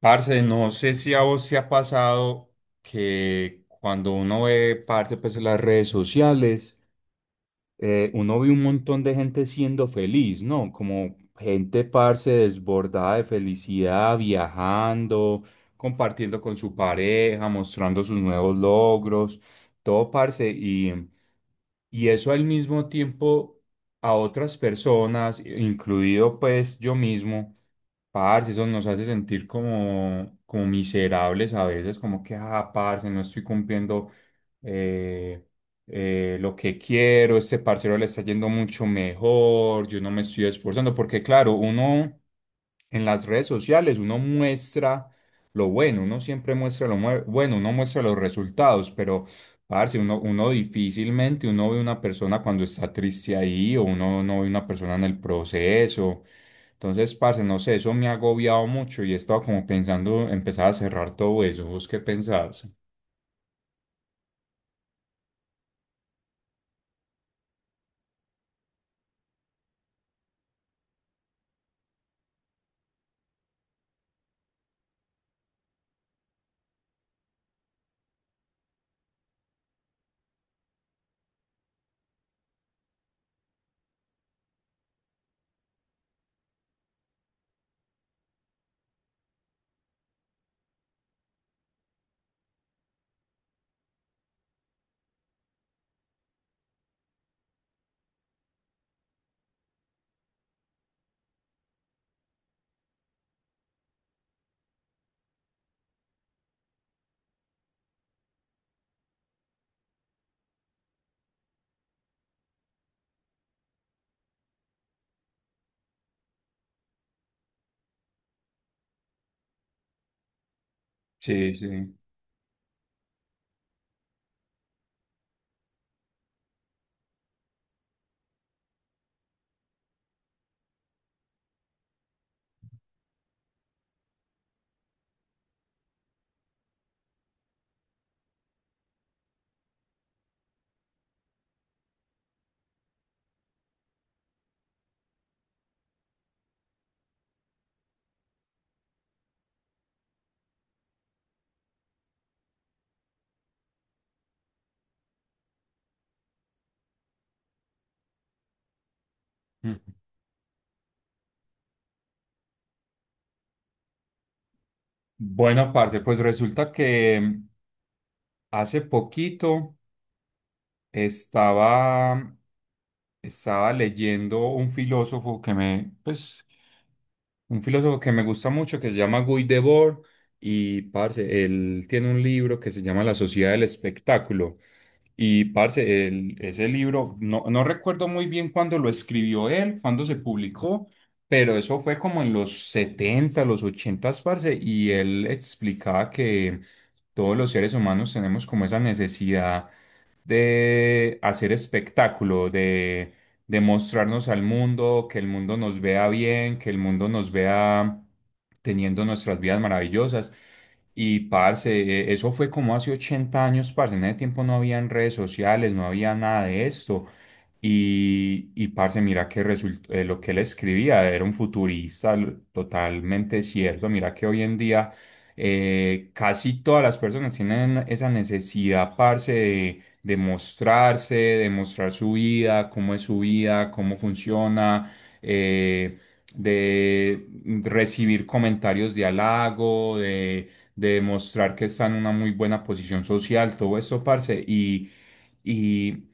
Parce, no sé si a vos te ha pasado que cuando uno ve, parce, pues en las redes sociales, uno ve un montón de gente siendo feliz, ¿no? Como gente, parce, desbordada de felicidad, viajando, compartiendo con su pareja, mostrando sus nuevos logros, todo, parce, y eso al mismo tiempo a otras personas, incluido pues yo mismo. Parce, eso nos hace sentir como miserables a veces, como que, ah, parce, no estoy cumpliendo eh, lo que quiero, este parcero le está yendo mucho mejor, yo no me estoy esforzando, porque claro, uno en las redes sociales uno muestra lo bueno, uno siempre muestra lo bueno, uno muestra los resultados, pero parce, uno difícilmente uno ve una persona cuando está triste ahí o uno no ve una persona en el proceso. Entonces, parce, no sé, eso me ha agobiado mucho y he estado como pensando empezar a cerrar todo eso. ¿Vos qué pensás? Sí, sí. Mm. Bueno, parce, pues resulta que hace poquito estaba Estaba leyendo un filósofo que me, pues, un filósofo que me gusta mucho que se llama Guy Debord y, parce, él tiene un libro que se llama La Sociedad del Espectáculo y, parce, ese libro, no recuerdo muy bien cuándo lo escribió él, cuándo se publicó, pero eso fue como en los 70, los 80, parce, y él explicaba que todos los seres humanos tenemos como esa necesidad de hacer espectáculo, de mostrarnos al mundo, que el mundo nos vea bien, que el mundo nos vea teniendo nuestras vidas maravillosas. Y parce, eso fue como hace 80 años, parce. En ese tiempo no habían redes sociales, no había nada de esto. Y parce, mira que lo que él escribía era un futurista totalmente cierto. Mira que hoy en día casi todas las personas tienen esa necesidad, parce, de mostrarse, de mostrar su vida, cómo es su vida, cómo funciona, eh, de recibir comentarios de halago, de mostrar que está en una muy buena posición social, todo eso, parce, y, y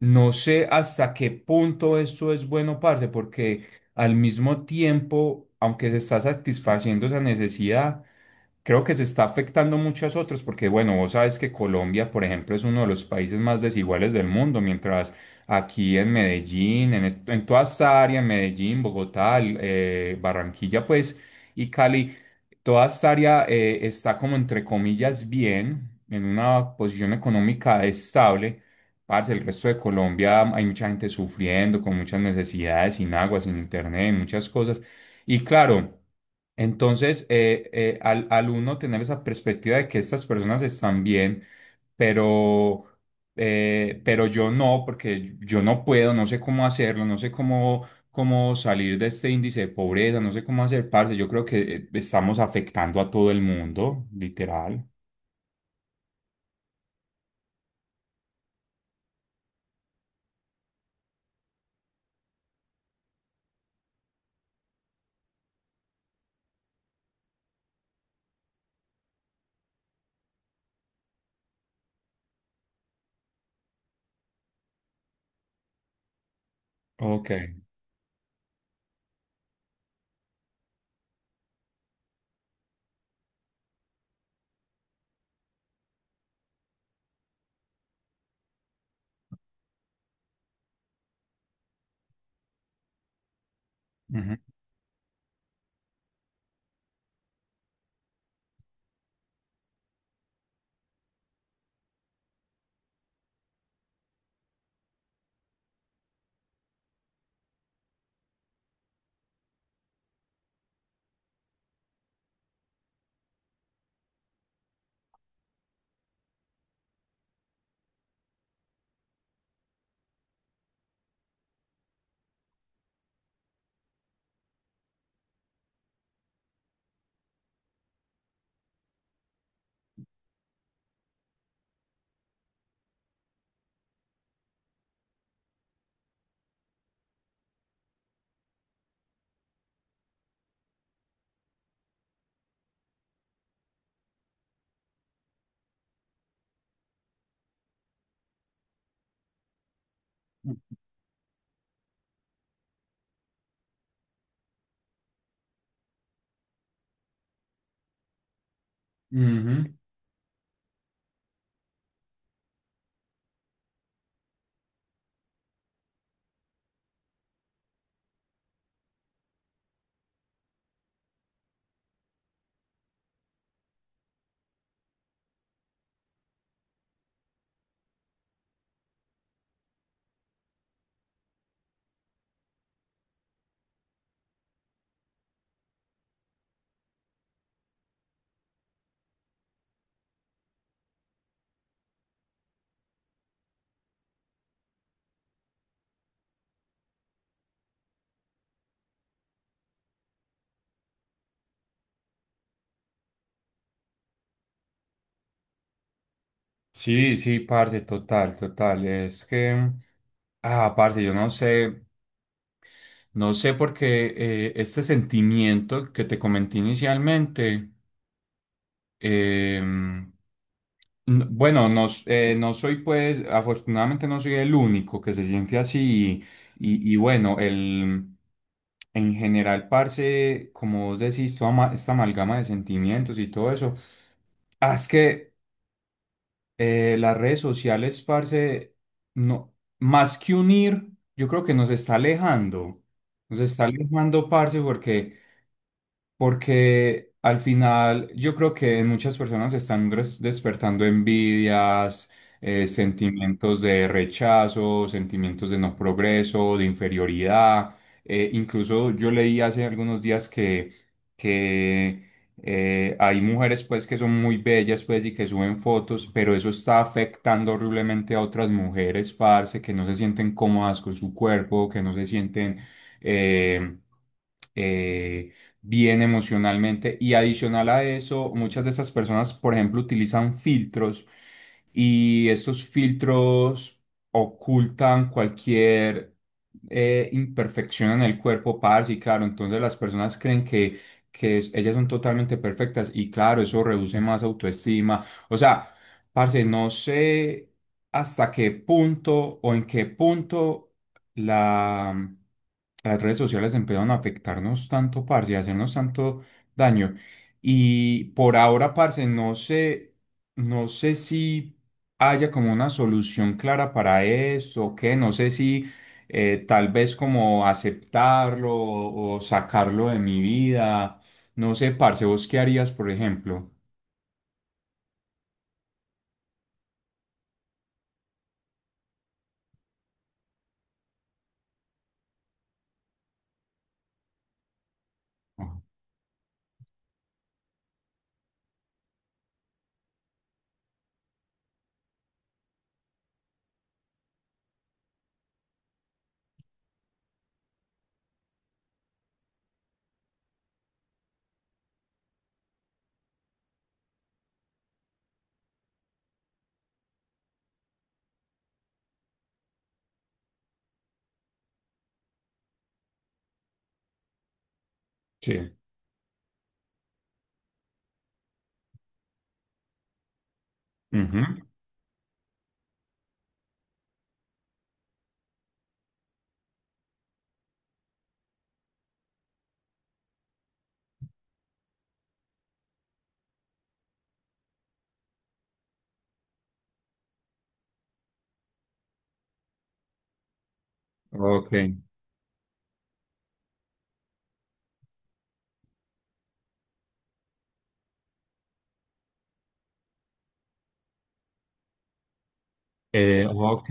no sé hasta qué punto esto es bueno, parce, porque al mismo tiempo, aunque se está satisfaciendo esa necesidad, creo que se está afectando muchas otras, porque bueno, vos sabes que Colombia, por ejemplo, es uno de los países más desiguales del mundo, mientras aquí en Medellín, en toda esta área, en Medellín, Bogotá, Barranquilla, pues, y Cali, toda esta área está como entre comillas bien, en una posición económica estable. Parce, el resto de Colombia hay mucha gente sufriendo, con muchas necesidades, sin agua, sin internet, muchas cosas. Y claro, entonces al uno tener esa perspectiva de que estas personas están bien, pero, pero yo no, porque yo no puedo, no sé cómo hacerlo, no sé cómo salir de este índice de pobreza, no sé cómo hacer, parce. Yo creo que estamos afectando a todo el mundo, literal. Ok. Ujú. Ujú. Sí, sí, parce, total, total. Es que, ah, parce, yo no sé, no sé por qué este sentimiento que te comenté inicialmente, em, Bueno, no, no soy pues, afortunadamente no soy el único que se siente así y, bueno, el, en general, parce, como vos decís, toda esta amalgama de sentimientos y todo eso, ah, es que las redes sociales, parce, no, más que unir, yo creo que nos está alejando. Nos está alejando, parce, porque al final yo creo que en muchas personas están despertando envidias, sentimientos de rechazo, sentimientos de no progreso, de inferioridad. Incluso yo leí hace algunos días que, que hay mujeres pues que son muy bellas pues y que suben fotos, pero eso está afectando horriblemente a otras mujeres, parce, que no se sienten cómodas con su cuerpo, que no se sienten eh, eh, bien emocionalmente. Y adicional a eso, muchas de esas personas, por ejemplo, utilizan filtros y estos filtros ocultan cualquier imperfección en el cuerpo, parce, y claro, entonces las personas creen que, que ellas son totalmente perfectas y claro, eso reduce más autoestima. O sea, parce, no sé hasta qué punto o en qué punto la, las redes sociales empezaron a afectarnos tanto, parce, y a hacernos tanto daño. Y por ahora, parce, no sé, no sé si haya como una solución clara para eso o qué, no sé si tal vez como aceptarlo o sacarlo de mi vida. No sé, parce, ¿vos qué harías, por ejemplo? Ajá. Sí. Ujú. Ok. Ok.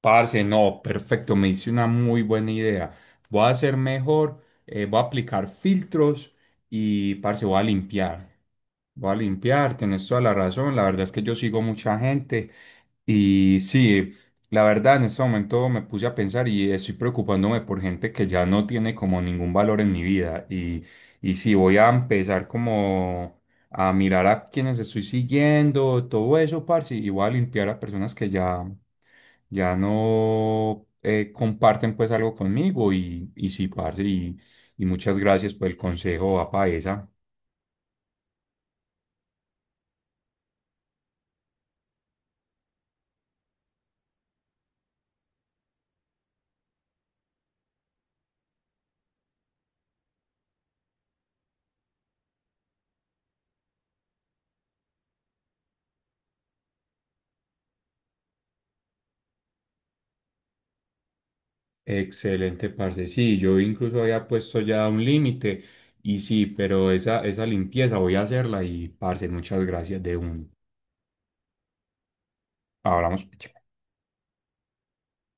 Parce, no, perfecto, me hice una muy buena idea. Voy a hacer mejor, voy a aplicar filtros y, parce, voy a limpiar. Voy a limpiar, tenés toda la razón. La verdad es que yo sigo mucha gente. Y sí, la verdad en este momento me puse a pensar y estoy preocupándome por gente que ya no tiene como ningún valor en mi vida. Y sí, voy a empezar como a mirar a quienes estoy siguiendo, todo eso, parce, y voy a limpiar a personas que ya, ya no comparten pues algo conmigo. Y sí, parce, y muchas gracias por el consejo, apa esa. Excelente, parce. Sí, yo incluso había puesto ya un límite y sí, pero esa limpieza voy a hacerla y, parce, muchas gracias de un. Hablamos. Pues, chao.